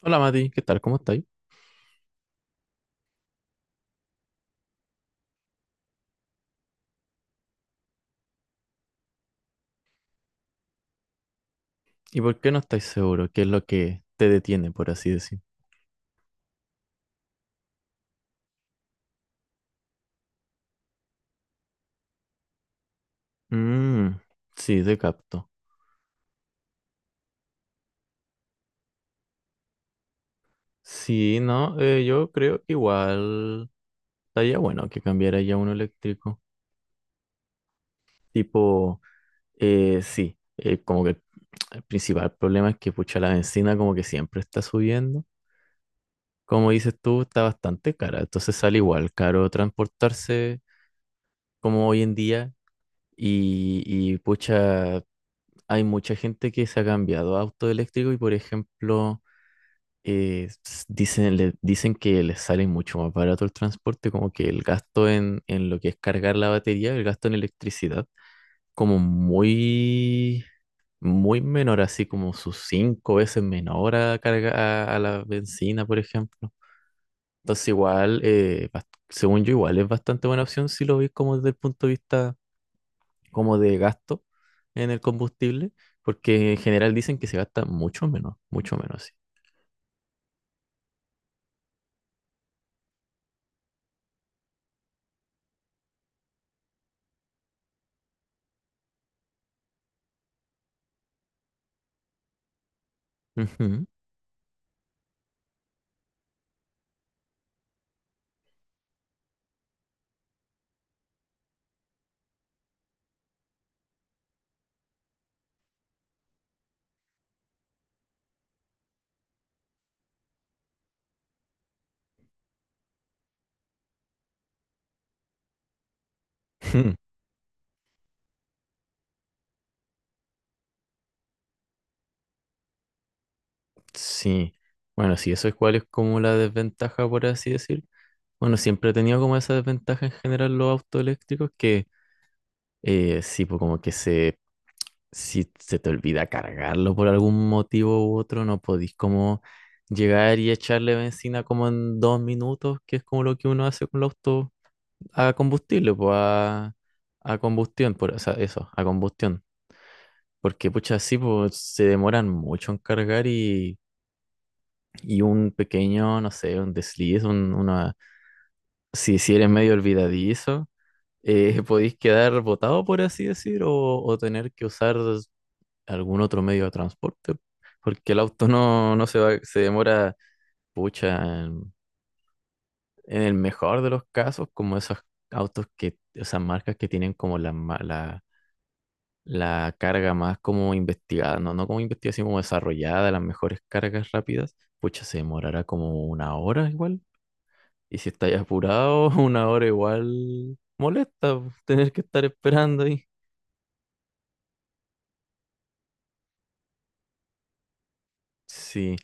Hola Mati, ¿qué tal? ¿Cómo estáis? ¿Y por qué no estáis seguro? ¿Qué es lo que te detiene, por así decir? Mmm, sí, te capto. Sí, no, yo creo que igual estaría bueno que cambiara ya uno eléctrico. Tipo, sí, como que el principal problema es que pucha la bencina como que siempre está subiendo. Como dices tú, está bastante cara, entonces sale igual caro transportarse como hoy en día y pucha, hay mucha gente que se ha cambiado a auto eléctrico y, por ejemplo, dicen que les sale mucho más barato el transporte, como que el gasto en lo que es cargar la batería, el gasto en electricidad, como muy, muy menor, así como sus 5 veces menor a la benzina, por ejemplo. Entonces, igual, según yo, igual es bastante buena opción si lo ves como desde el punto de vista como de gasto en el combustible, porque en general dicen que se gasta mucho menos, sí. Ujú. Ujú. Sí, bueno, sí, eso es cuál es como la desventaja, por así decir. Bueno, siempre he tenido como esa desventaja en general los autos eléctricos que sí, pues como que si se te olvida cargarlo por algún motivo u otro, no podís como llegar y echarle benzina como en 2 minutos, que es como lo que uno hace con los autos a combustible, pues a combustión, o sea, eso, a combustión. Porque, pucha, sí, pues se demoran mucho en cargar y un pequeño, no sé, un desliz, una, si eres medio olvidadizo, podéis quedar botado, por así decir, o tener que usar algún otro medio de transporte. Porque el auto no se va, se demora, pucha, en el mejor de los casos, como esos autos que, esas marcas que tienen como la, ma- la la carga más como investigada, no como investigada, sino como desarrollada, las mejores cargas rápidas, pucha, se demorará como 1 hora igual. Y si estáis apurado, 1 hora igual molesta, po, tener que estar esperando ahí. Sí,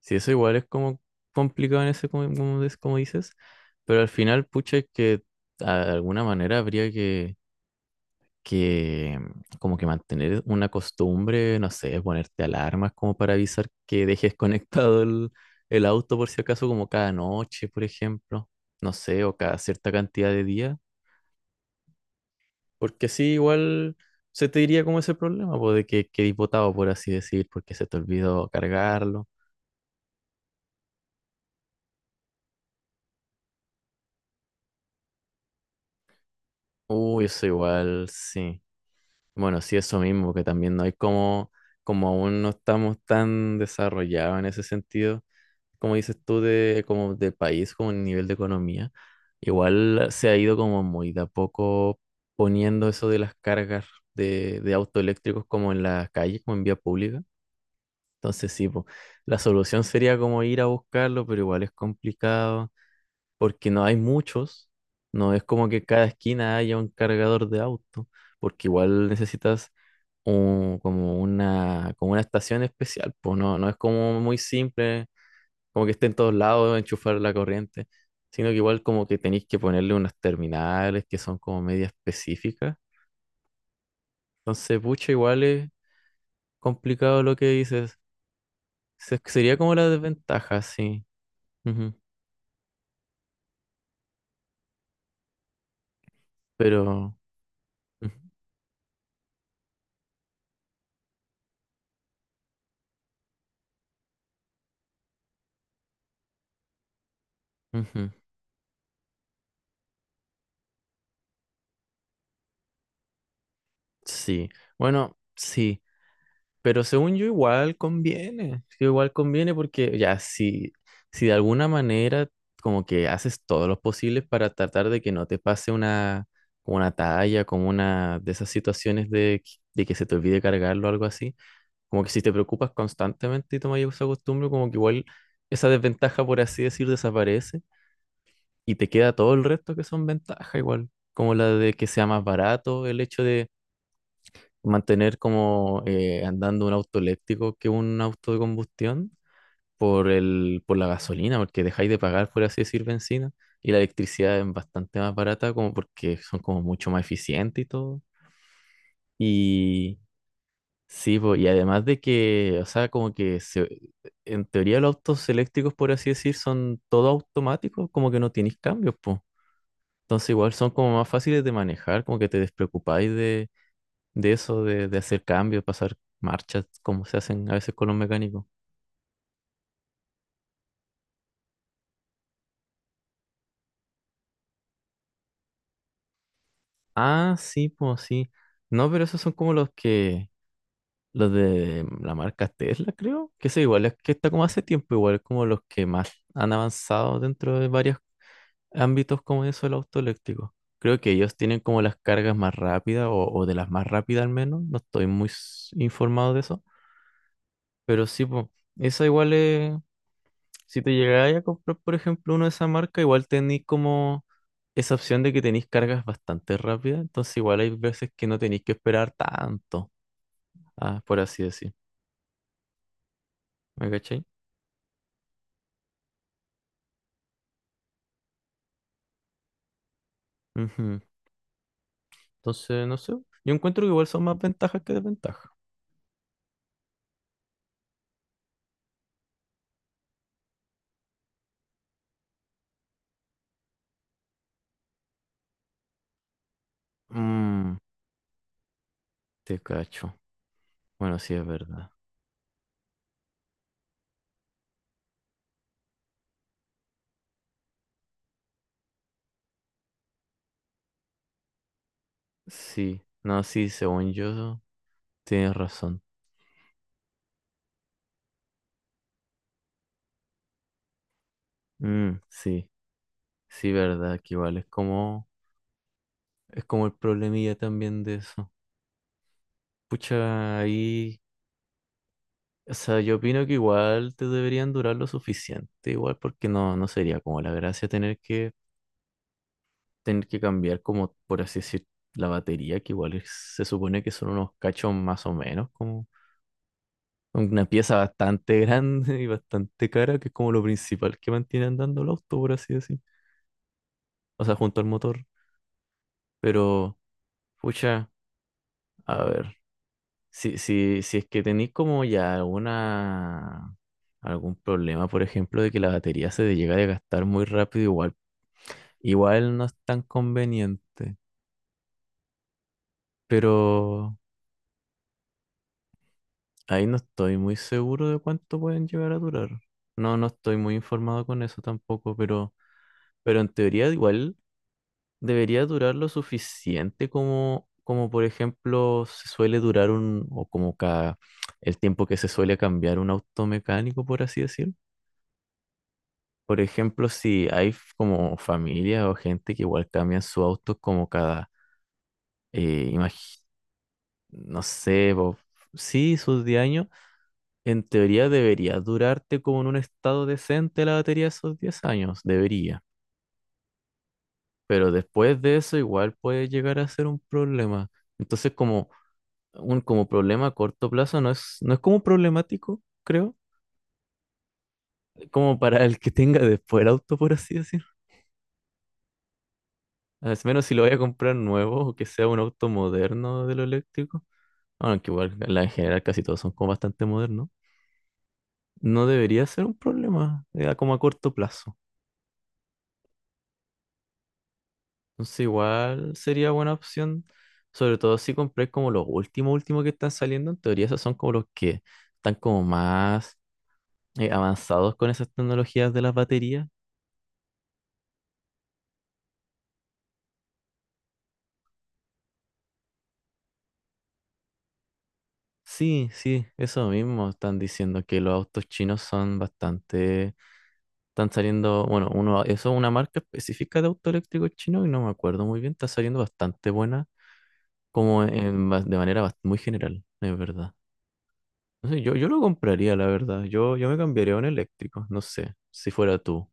sí, eso igual es como complicado en ese, como, como des- como dices, pero al final, pucha, es que de alguna manera habría que como que mantener una costumbre, no sé, ponerte alarmas como para avisar que dejes conectado el auto por si acaso, como cada noche, por ejemplo, no sé, o cada cierta cantidad de días, porque así igual se te diría como ese problema, pues de que quedé botado, por así decir, porque se te olvidó cargarlo. Uy, eso igual, sí. Bueno, sí, eso mismo, que también no hay como aún no estamos tan desarrollados en ese sentido, como dices tú, como de país, como en nivel de economía, igual se ha ido como muy de a poco poniendo eso de las cargas de autos eléctricos como en las calles, como en vía pública. Entonces sí, po, la solución sería como ir a buscarlo, pero igual es complicado porque no hay muchos, no es como que cada esquina haya un cargador de auto, porque igual necesitas como una estación especial, pues no es como muy simple, como que esté en todos lados, enchufar la corriente, sino que igual como que tenéis que ponerle unas terminales que son como media específicas. Entonces, pucha, igual es complicado lo que dices. Sería como la desventaja, sí. Ujú. Pero, ujú, ujú. Sí. Bueno, sí. Pero según yo igual conviene, sí, igual conviene porque ya si de alguna manera como que haces todos los posibles para tratar de que no te pase una, como una talla, como una de esas situaciones de que se te olvide cargarlo o algo así, como que si te preocupas constantemente y tomas esa costumbre, como que igual esa desventaja, por así decir, desaparece y te queda todo el resto que son ventajas igual, como la de que sea más barato, el hecho de mantener como andando un auto eléctrico que un auto de combustión por la gasolina, porque dejáis de pagar, por así decir, bencina, y la electricidad es bastante más barata como porque son como mucho más eficientes y todo. Y sí, po, y además de que, o sea, como que en teoría los autos eléctricos, por así decir, son todo automáticos, como que no tenéis cambios, pues. Entonces igual son como más fáciles de manejar, como que te despreocupáis de eso, de hacer cambios, pasar marchas, como se hacen a veces con los mecánicos. Ah, sí, pues sí. No, pero esos son como los de la marca Tesla, creo, que eso igual es que está como hace tiempo, igual como los que más han avanzado dentro de varios ámbitos como eso del auto eléctrico. Creo que ellos tienen como las cargas más rápidas o de las más rápidas al menos, no estoy muy s- informado de eso, pero sí, pues, esa igual es, si te llegáis a comprar, por ejemplo, uno de esa marca, igual tenéis como esa opción de que tenéis cargas bastante rápidas, entonces igual hay veces que no tenéis que esperar tanto, ah, por así decir. ¿Me cachai? Ujú. Entonces, no sé. Yo encuentro que igual son más ventajas que desventajas. Mm, te cacho. Bueno, sí, es verdad. Sí, no, sí, según yo, tienes razón. Mm, sí, sí, verdad, que igual es como el problemilla también de eso. Pucha, ahí. O sea, yo opino que igual te deberían durar lo suficiente, igual porque no sería como la gracia tener que cambiar como, por así decir, la batería, que igual es- se supone que son unos cachos más o menos, como una pieza bastante grande y bastante cara, que es como lo principal que mantiene andando el auto, por así decir. O sea, junto al motor. Pero, pucha, a ver, si es que tenéis como ya alguna algún problema, por ejemplo, de que la batería se llega a desgastar muy rápido, igual. Igual no es tan conveniente, pero ahí no estoy muy seguro de cuánto pueden llegar a durar. No, no estoy muy informado con eso tampoco, pero en teoría igual debería durar lo suficiente como, como por ejemplo se suele durar o como cada, el tiempo que se suele cambiar un auto mecánico, por así decir. Por ejemplo, si hay f- como familias o gente que igual cambian su auto como cada, eh, imagi- no sé, po, sí, sus 10 años. En teoría debería durarte como en un estado decente la batería esos 10 años, debería. Pero después de eso igual puede llegar a ser un problema. Entonces como un como problema a corto plazo no es como problemático, creo, como para el que tenga después el auto, por así decirlo. Al menos si lo voy a comprar nuevo o que sea un auto moderno de lo eléctrico. Aunque igual la- en general casi todos son como bastante modernos. No debería ser un problema, como a corto plazo. Entonces igual sería buena opción, sobre todo si compré como los últimos, últimos que están saliendo, en teoría esos son como los que están como más avanzados con esas tecnologías de las baterías. Sí, sí, eso mismo están diciendo que los autos chinos son bastante, están saliendo, bueno, uno, eso es una marca específica de auto eléctrico chino y no me acuerdo muy bien, está saliendo bastante buena, como de manera muy general, es verdad. No sé, yo lo compraría, la verdad. Yo me cambiaría a un eléctrico, no sé, si fuera tú.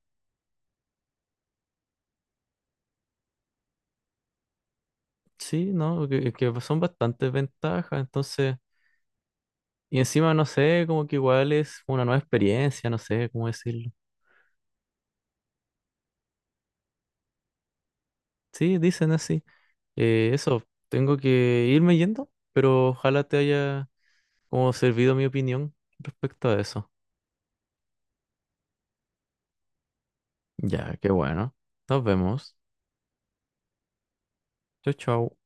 Sí, no, que son bastantes ventajas, entonces. Y encima, no sé, como que igual es una nueva experiencia, no sé cómo decirlo. Sí, dicen así. Eso, tengo que irme yendo, pero ojalá te haya como servido mi opinión respecto a eso. Ya, qué bueno. Nos vemos. Chau, chau.